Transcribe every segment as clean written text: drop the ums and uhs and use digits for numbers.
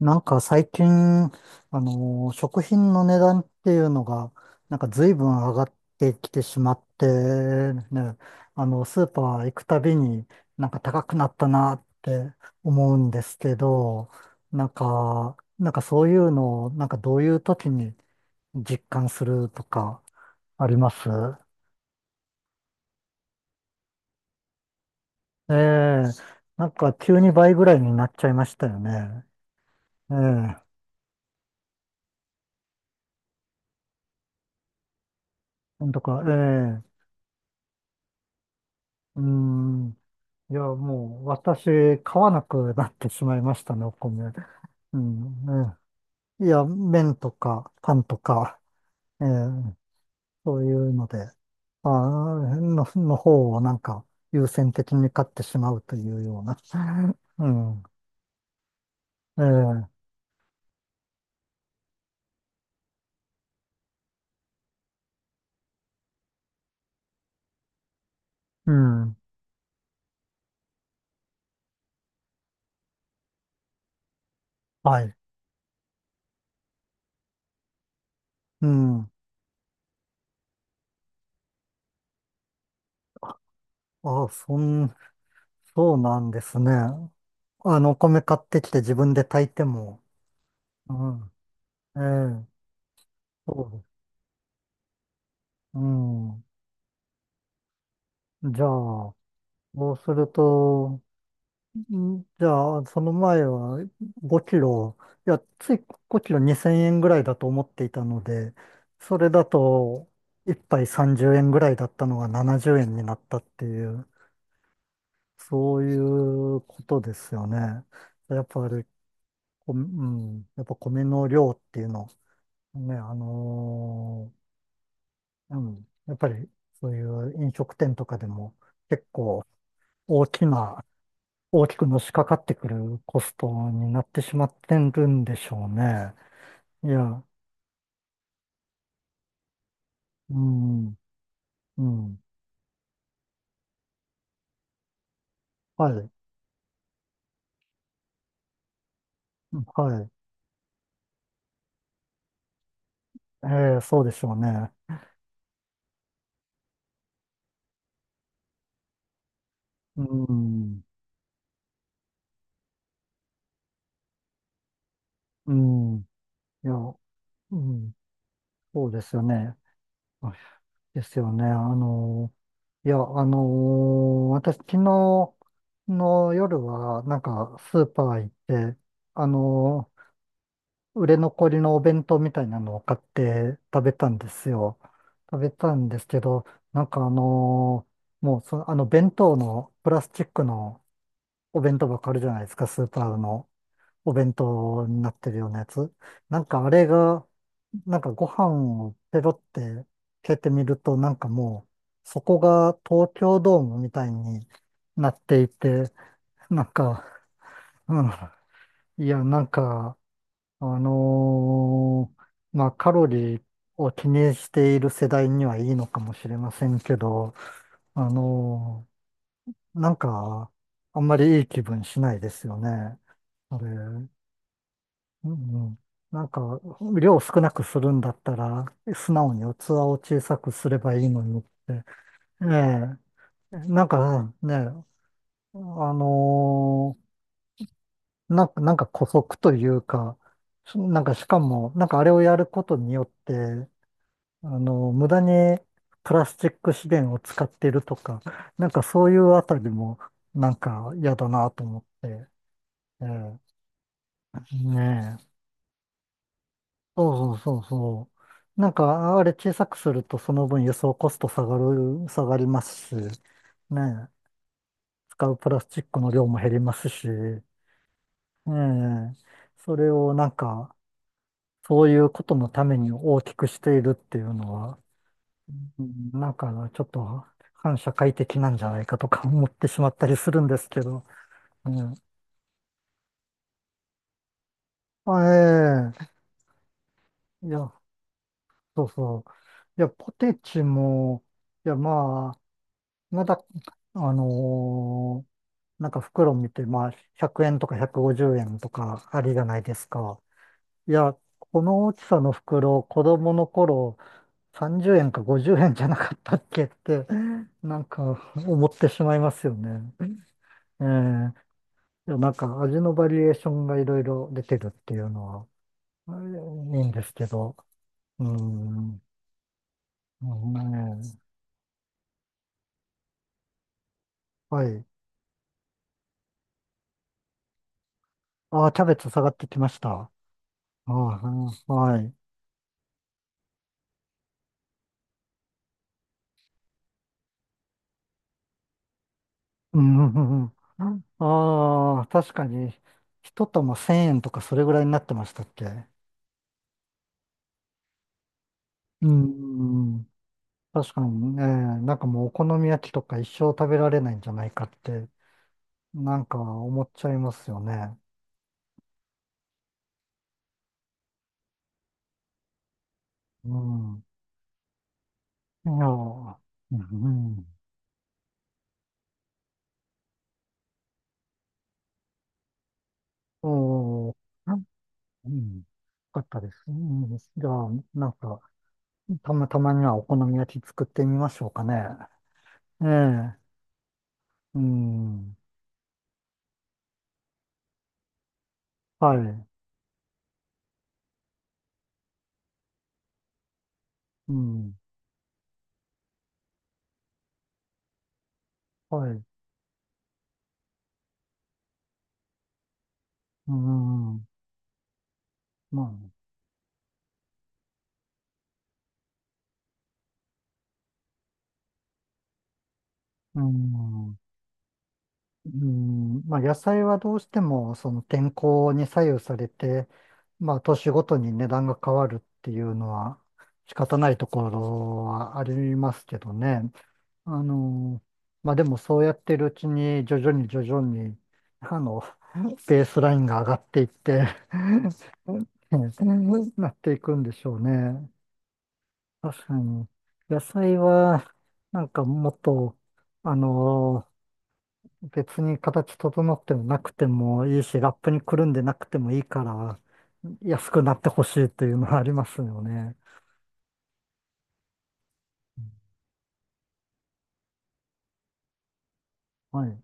なんか最近、食品の値段っていうのが、なんか随分上がってきてしまって、ね、あの、スーパー行くたびになんか高くなったなって思うんですけど、なんかそういうのを、なんかどういう時に実感するとかあります？ええ、なんか急に倍ぐらいになっちゃいましたよね。ええ、なんとか。ええ。うーん。いや、もう私、買わなくなってしまいましたね、お米。うん、ね。いや、麺とか、パンとか、えーそういうので、まあーの、の方をなんか優先的に買ってしまうというような。うん。えーうん。はい。うん。あー、そうなんですね。あの、お米買ってきて自分で炊いても、うん。えーそう、ですうん。じゃあ、そうすると、んじゃあ、その前は5キロ、いや、つい5キロ2000円ぐらいだと思っていたので、それだと1杯30円ぐらいだったのが70円になったっていう、そういうことですよね。やっぱり、こうん、やっぱ米の量っていうの、ね、うん、やっぱりそういう飲食店とかでも結構大きな大きくのしかかってくるコストになってしまってるんでしょうね。いや、うん、うん、はい、はい、ええ、そうでしょうね。うん、うん、いや、うん、そうですよね。あ、ですよね。あの、いや、あの、私、昨日の夜は、なんか、スーパー行って、あの、売れ残りのお弁当みたいなのを買って食べたんですよ。食べたんですけど、なんかもうその、あの弁当のプラスチックのお弁当箱あるじゃないですか、スーパーのお弁当になってるようなやつ。なんかあれが、なんかご飯をペロって蹴ってみると、なんかもう、そこが東京ドームみたいになっていて、なんか、うん、いや、なんか、あのまあ、カロリーを気にしている世代にはいいのかもしれませんけど、あのなんか、あんまりいい気分しないですよね。あれ、うんうん、なんか、量を少なくするんだったら、素直に器を小さくすればいいのにって。ええ、なんかね、あのなんか姑息というか、なんかしかも、なんかあれをやることによって、あの、無駄にプラスチック資源を使ってるとか、なんかそういうあたりも、なんか嫌だなと思って。ええ、ねえ。そうそうそうそう。なんか、あれ小さくするとその分輸送コスト下がりますし、ねえ、使うプラスチックの量も減りますし、ええ、それをなんか、そういうことのために大きくしているっていうのは、うん、なんか、ちょっと反社会的なんじゃないかとか思ってしまったりするんですけど。うん。あ、ええ、いや、そうそう。いや、ポテチも、いや、まあ、まだ、あのーなんか袋見て、まあ、100円とか150円とかありじゃないですか。いや、この大きさの袋、子供の頃、30円か50円じゃなかったっけって、なんか思ってしまいますよね。ええ。いや、なんか味のバリエーションがいろいろ出てるっていうのは、うん、いいんですけど。うーん。うん、ね、はい。ああ、キャベツ下がってきました。ああ、はい。うん、うんうん、ああ、確かに、一玉1000円とかそれぐらいになってましたっけ？うん、うん、確かに、ね、なんかもうお好み焼きとか一生食べられないんじゃないかって、なんか思っちゃいますよね。うん。いやー、うん、うん、おー、うん、よかったです。うん、じゃあ、なんか、たまたまにはお好み焼き作ってみましょうかね。ええ、うん、はい、うん、はい、うん、まあ、うん、うん、まあ、野菜はどうしても、その天候に左右されて、まあ、年ごとに値段が変わるっていうのは仕方ないところはありますけどね。あの、まあ、でもそうやってるうちに徐々に徐々に、あの、ベースラインが上がっていって なっていくんでしょうね。確かに。野菜は、なんかもっと、あの、別に形整ってもなくてもいいし、ラップにくるんでなくてもいいから、安くなってほしいというのはありますよね。はい。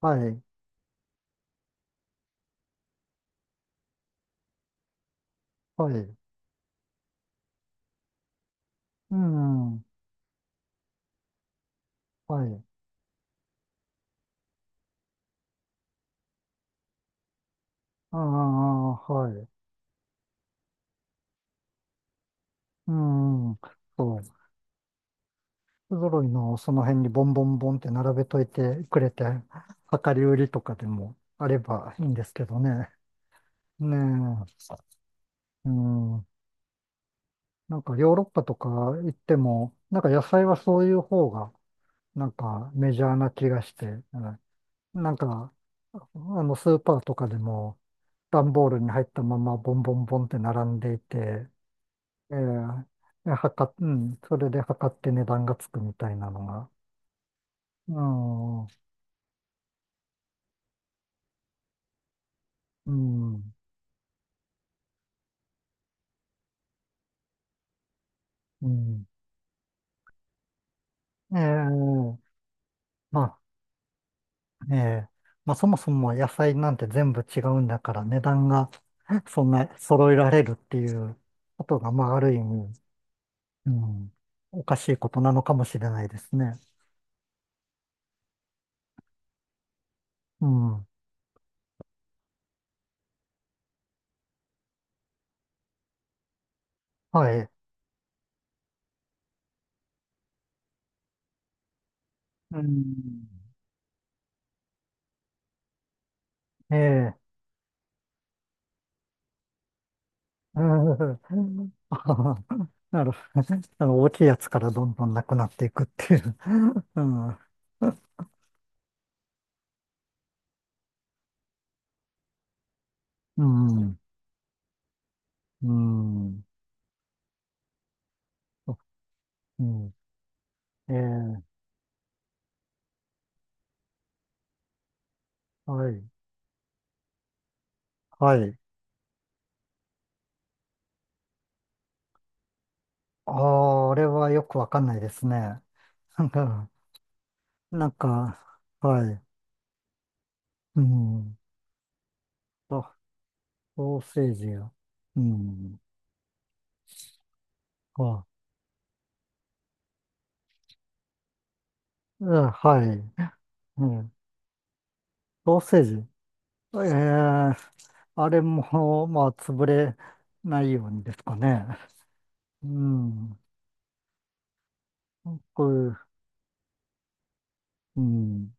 はい。はい。うん。はい。ああ、はい。うん、そう。不揃いのその辺にボンボンボンって並べといてくれて、量り売りとかでもあればいいんですけどね。ねえ。うん。なんかヨーロッパとか行っても、なんか野菜はそういう方が、なんかメジャーな気がして、うん、なんか、あのスーパーとかでも、段ボールに入ったままボンボンボンって並んでいて、ええ、うん、それで測って値段がつくみたいなのが、うん、うん、うん。ええ、まあ、そもそも野菜なんて全部違うんだから値段が そんな揃えられるっていうことが、まあある意味、うん、おかしいことなのかもしれないですね。うん、はい。うん、ええ、うん、 なるほど。あの大きいやつからどんどんなくなっていくっていう。うん、うん、うん、うん、ええ、はい。はい。あれはよくわかんないですね。なんか、なんか、はい。うん。あ、ソーセージや。うん。あ、うん、はい。うん。ソーセージ。ええ、あれも、まあ、潰れないようにですかね。うん。こういう、うん。